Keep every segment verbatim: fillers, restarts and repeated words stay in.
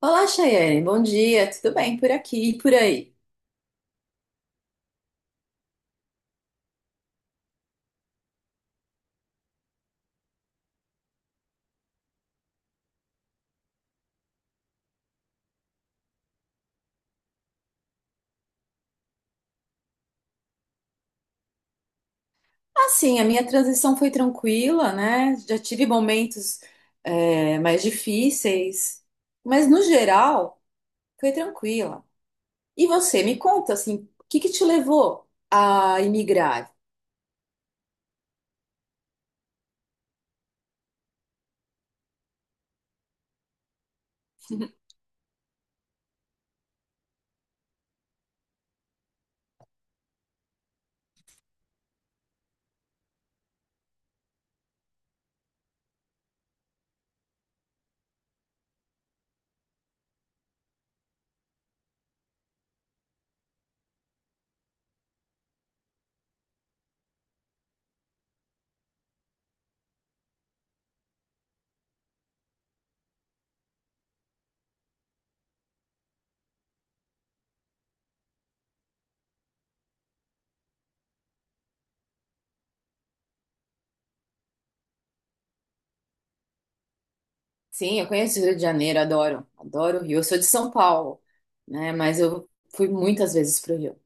Olá, Chayane. Bom dia. Tudo bem por aqui e por aí? Assim, a minha transição foi tranquila, né? Já tive momentos, é, mais difíceis, mas no geral foi tranquila. E você, me conta, assim, o que que te levou a imigrar? Sim, eu conheço o Rio de Janeiro, adoro, adoro o Rio. Eu sou de São Paulo, né? Mas eu fui muitas vezes para o Rio.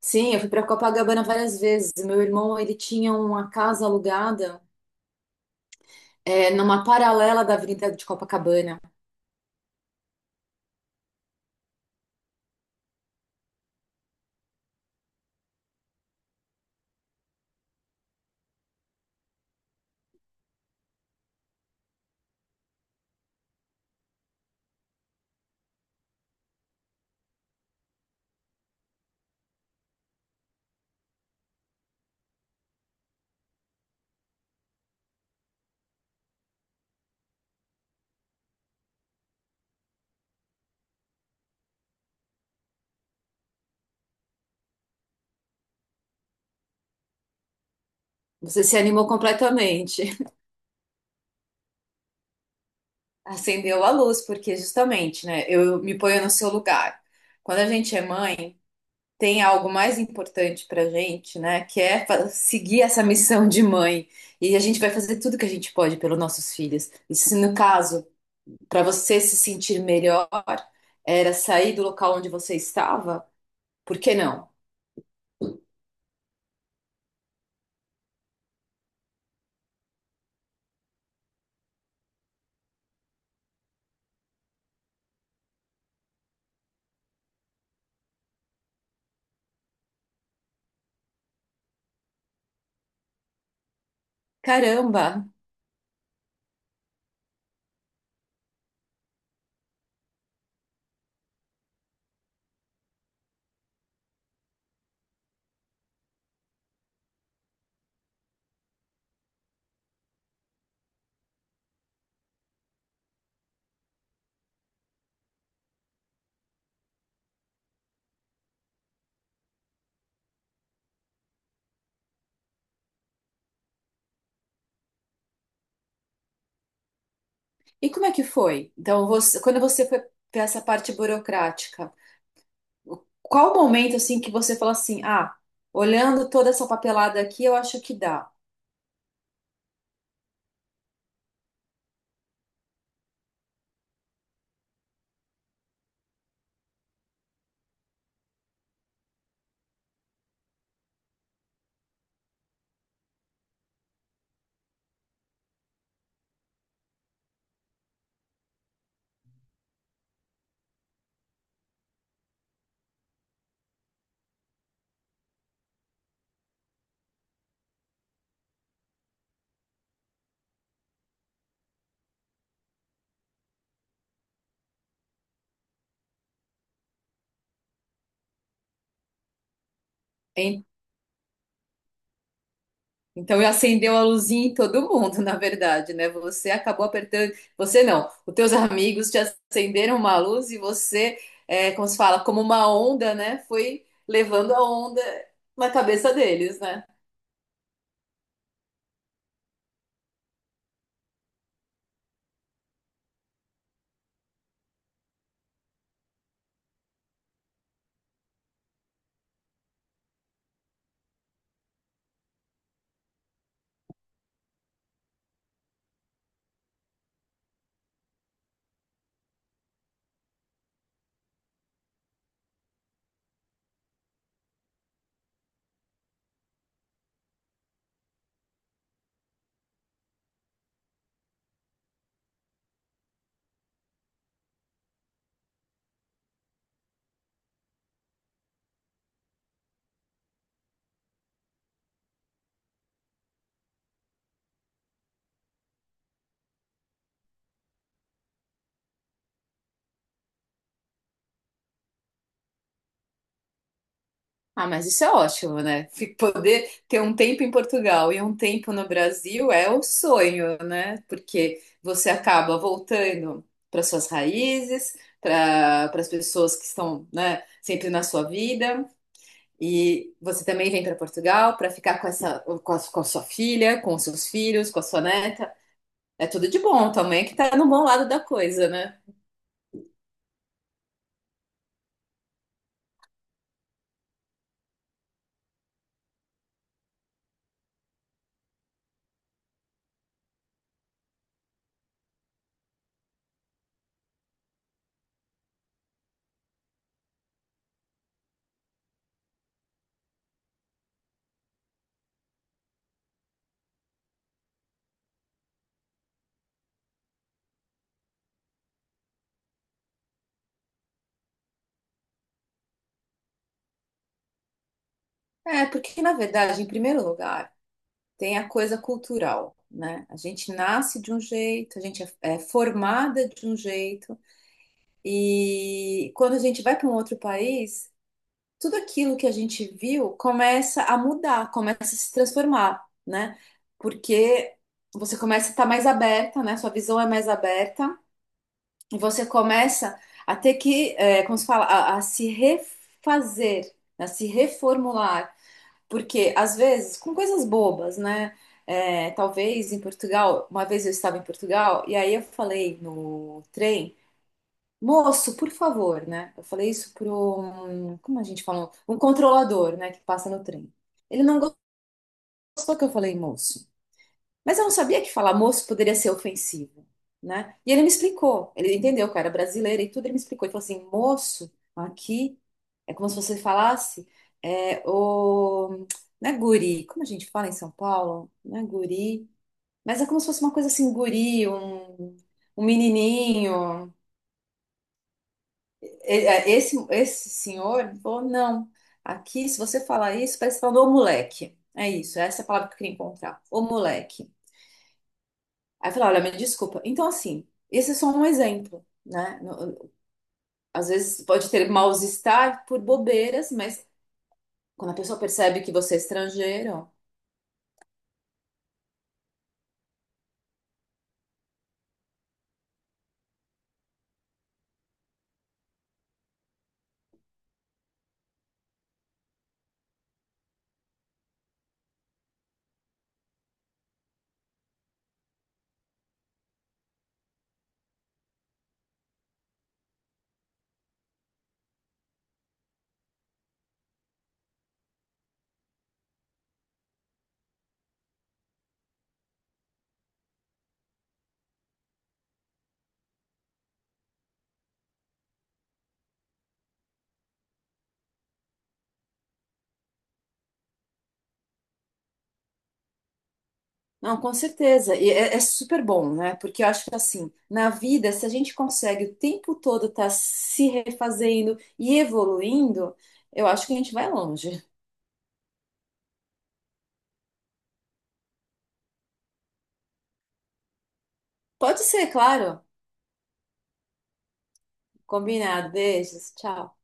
Sim, eu fui para Copacabana várias vezes. Meu irmão, ele tinha uma casa alugada. É, numa paralela da Avenida de Copacabana. Você se animou completamente. Acendeu a luz, porque justamente, né? Eu me ponho no seu lugar. Quando a gente é mãe, tem algo mais importante pra gente, né? Que é fa- seguir essa missão de mãe. E a gente vai fazer tudo que a gente pode pelos nossos filhos. E se no caso, para você se sentir melhor, era sair do local onde você estava, por que não? Caramba. E como é que foi? Então, você- quando você foi para essa parte burocrática, qual o momento assim que você falou assim, ah, olhando toda essa papelada aqui, eu acho que dá, hein? Então, acendeu a luzinha em todo mundo, na verdade, né? Você acabou apertando, você não, os teus amigos te acenderam uma luz e você, é, como se fala, como uma onda, né? Foi levando a onda na cabeça deles, né? Ah, mas isso é ótimo, né? Fi- Poder ter um tempo em Portugal e um tempo no Brasil é o sonho, né? Porque você acaba voltando para suas raízes, para para as pessoas que estão, né, sempre na sua vida. E você também vem para Portugal para ficar com essa, com a, com a sua filha, com os seus filhos, com a sua neta. É tudo de bom, também que tá no bom lado da coisa, né? É, porque na verdade, em primeiro lugar, tem a coisa cultural, né? A gente nasce de um jeito, a gente é, é formada de um jeito, e quando a gente vai para um outro país, tudo aquilo que a gente viu começa a mudar, começa a se transformar, né? Porque você começa a estar mais aberta, né? Sua visão é mais aberta, e você começa a ter que, é, como se fala, a, a se refazer, a se reformular. Porque, às vezes, com coisas bobas, né? É, talvez em Portugal, uma vez eu estava em Portugal, e aí eu falei no trem, moço, por favor, né? Eu falei isso para um, como a gente fala, um controlador, né, que passa no trem. Ele não gostou que eu falei moço. Mas eu não sabia que falar moço poderia ser ofensivo, né? E ele me explicou, ele entendeu que eu era brasileira e tudo, ele me explicou. Ele falou assim, moço, aqui é como se você falasse, é, o, né, guri, como a gente fala em São Paulo, né, guri, mas é como se fosse uma coisa assim, um guri, um, um menininho. E- é, Esse, esse senhor falou, não, aqui se você falar isso, parece que você tá falando ô moleque. É isso, essa é a palavra que eu queria encontrar, ô moleque. Aí eu falei, olha, me desculpa. Então, assim, esse é só um exemplo, né? No- Às vezes pode ter mal-estar por bobeiras, mas quando a pessoa percebe que você é estrangeiro, não, com certeza. E é, é super bom, né? Porque eu acho que, assim, na vida, se a gente consegue o tempo todo estar se refazendo e evoluindo, eu acho que a gente vai longe. Pode ser, claro. Combinado. Beijos. Tchau.